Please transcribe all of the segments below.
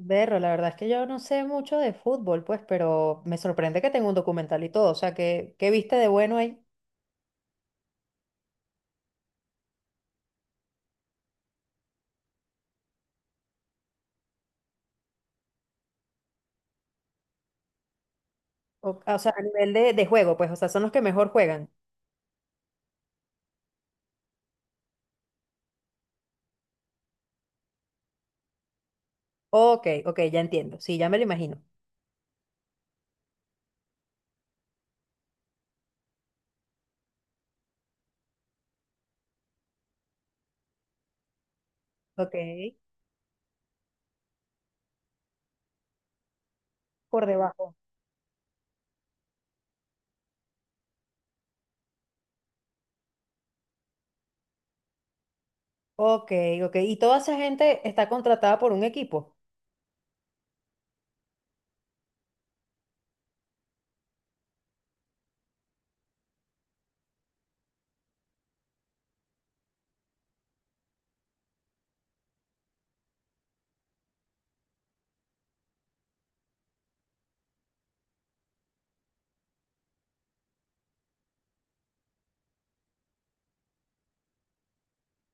Berro, la verdad es que yo no sé mucho de fútbol, pues, pero me sorprende que tenga un documental y todo. O sea, ¿qué viste de bueno ahí? O sea, a nivel de juego, pues, o sea, son los que mejor juegan. Ok, ok, ya entiendo. Sí, ya me lo imagino. Ok, por debajo. Ok, ok. ¿Y toda esa gente está contratada por un equipo?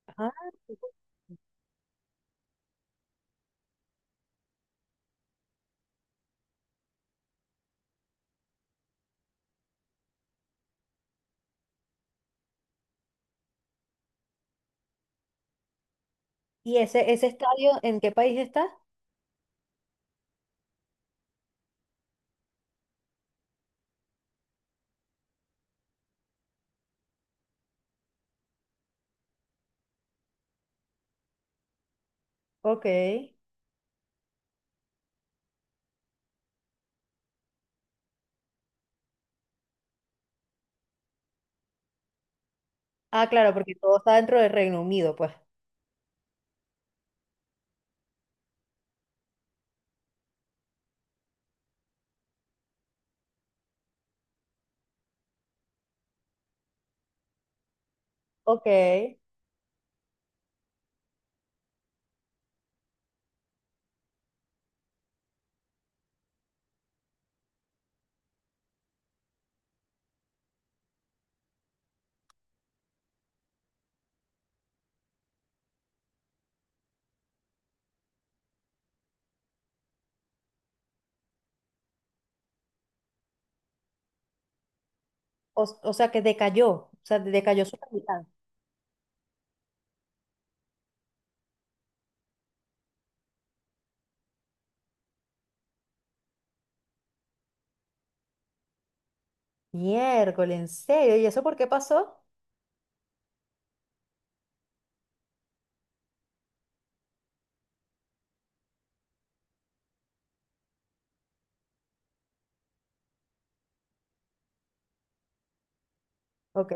Ajá. ¿Y ese estadio en qué país está? Ok. Ah, claro, porque todo está dentro del Reino Unido, pues. Ok. Que decayó. O sea, decayó su calidad. Miércoles, en serio. ¿Y eso por qué pasó? Ok,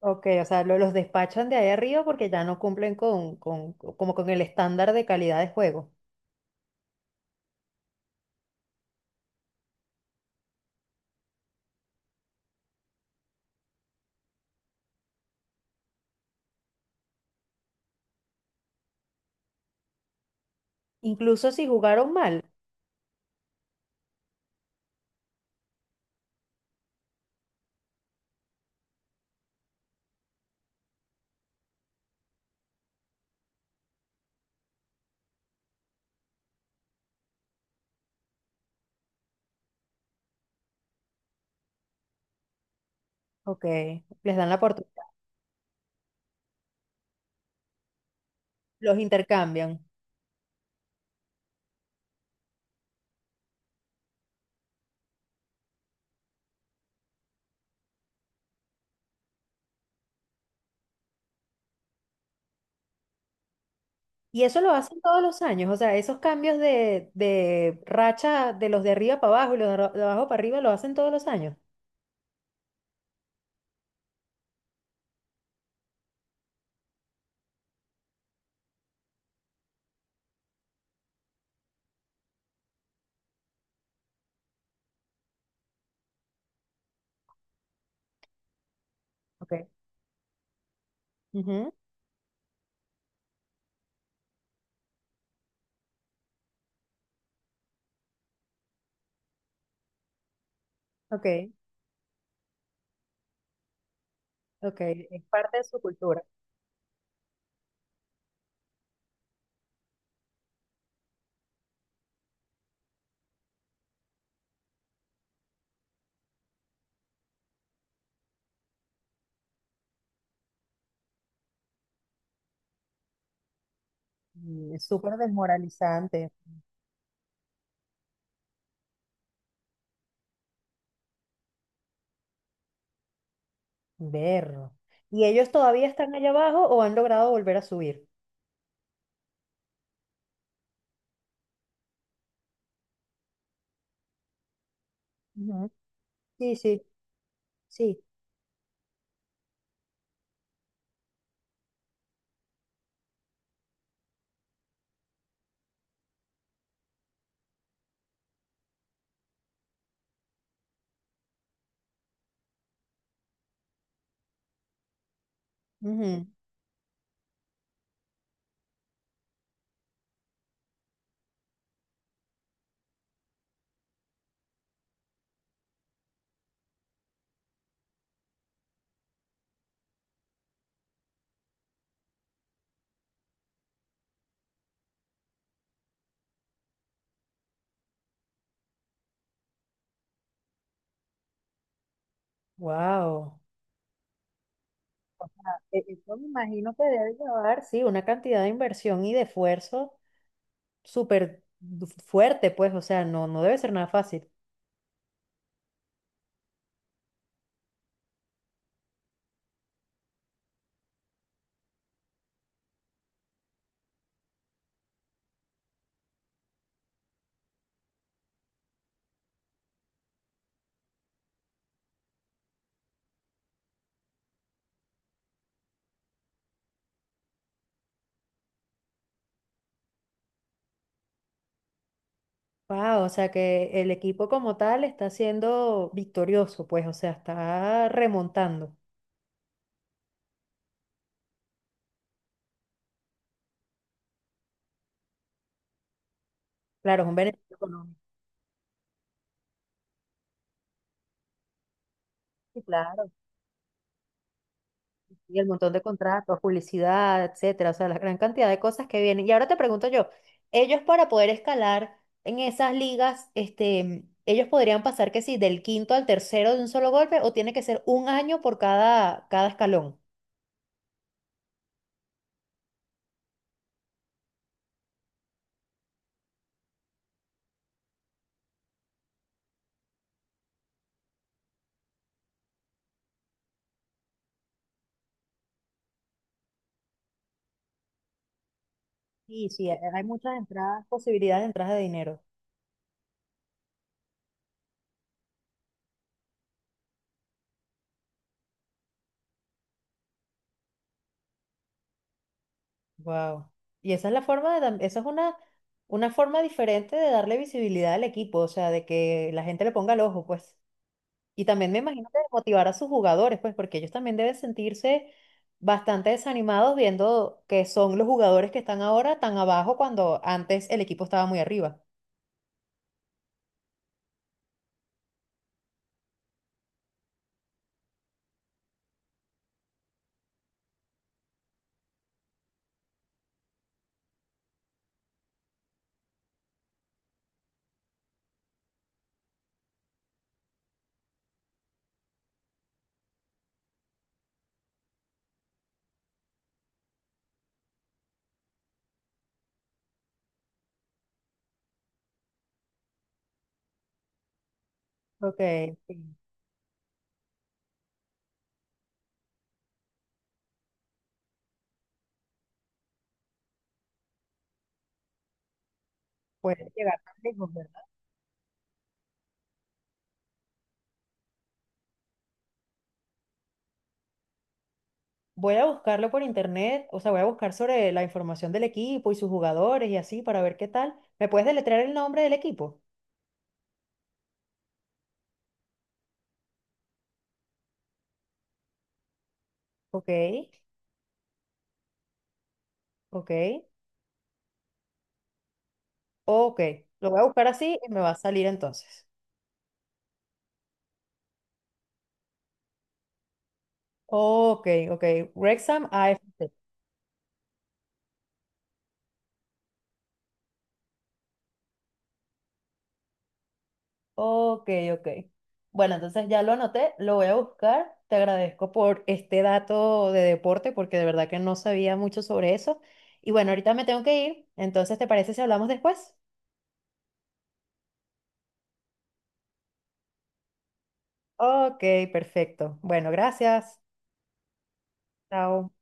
ok, o sea, los despachan de ahí arriba porque ya no cumplen como con el estándar de calidad de juego. Incluso si jugaron mal, ok, les dan la oportunidad, los intercambian. Y eso lo hacen todos los años, o sea, esos cambios de racha de los de arriba para abajo y los de abajo para arriba lo hacen todos los años. Ok, ujú, ok, ok, es parte de su cultura. Mm, es súper desmoralizante. Berro. ¿Y ellos todavía están allá abajo o han logrado volver a subir? Ujú. Sí, sí, sí. Wow. Eso me imagino que debe llevar, sí, una cantidad de inversión y de esfuerzo fuerte, pues, o sea, no debe ser nada fácil. Wow, o sea que el equipo como tal está siendo victorioso, pues, o sea, está remontando. Claro, es un beneficio económico. Sí, claro. Y el montón de contratos, publicidad, etcétera, o sea, la gran cantidad de cosas que vienen. Y ahora te pregunto yo, ellos para poder escalar en esas ligas, este, ellos podrían pasar que sí, del quinto al tercero de un solo golpe, o tiene que ser un año por cada escalón. Sí, sí, hay muchas entradas, posibilidades de entradas de dinero. Wow. Y esa es la forma de, esa es una forma diferente de darle visibilidad al equipo, o sea, de que la gente le ponga el ojo, pues. Y también me imagino que motivar a sus jugadores, pues, porque ellos también deben sentirse bastante desanimados viendo que son los jugadores que están ahora tan abajo cuando antes el equipo estaba muy arriba. Ok, sí, puede llegar tan lejos, ¿verdad? Voy a buscarlo por internet, o sea, voy a buscar sobre la información del equipo y sus jugadores y así para ver qué tal. ¿Me puedes deletrear el nombre del equipo? Ok, ok, ok. Lo voy a buscar así y me va a salir entonces. Ok, ok. Wrexham A AFC. Ok, ok. Bueno, entonces ya lo anoté, lo voy a buscar. Te agradezco por este dato de deporte porque de verdad que no sabía mucho sobre eso. Y bueno, ahorita me tengo que ir. Entonces, ¿te parece si hablamos después? Ok, perfecto. Bueno, gracias. Chao.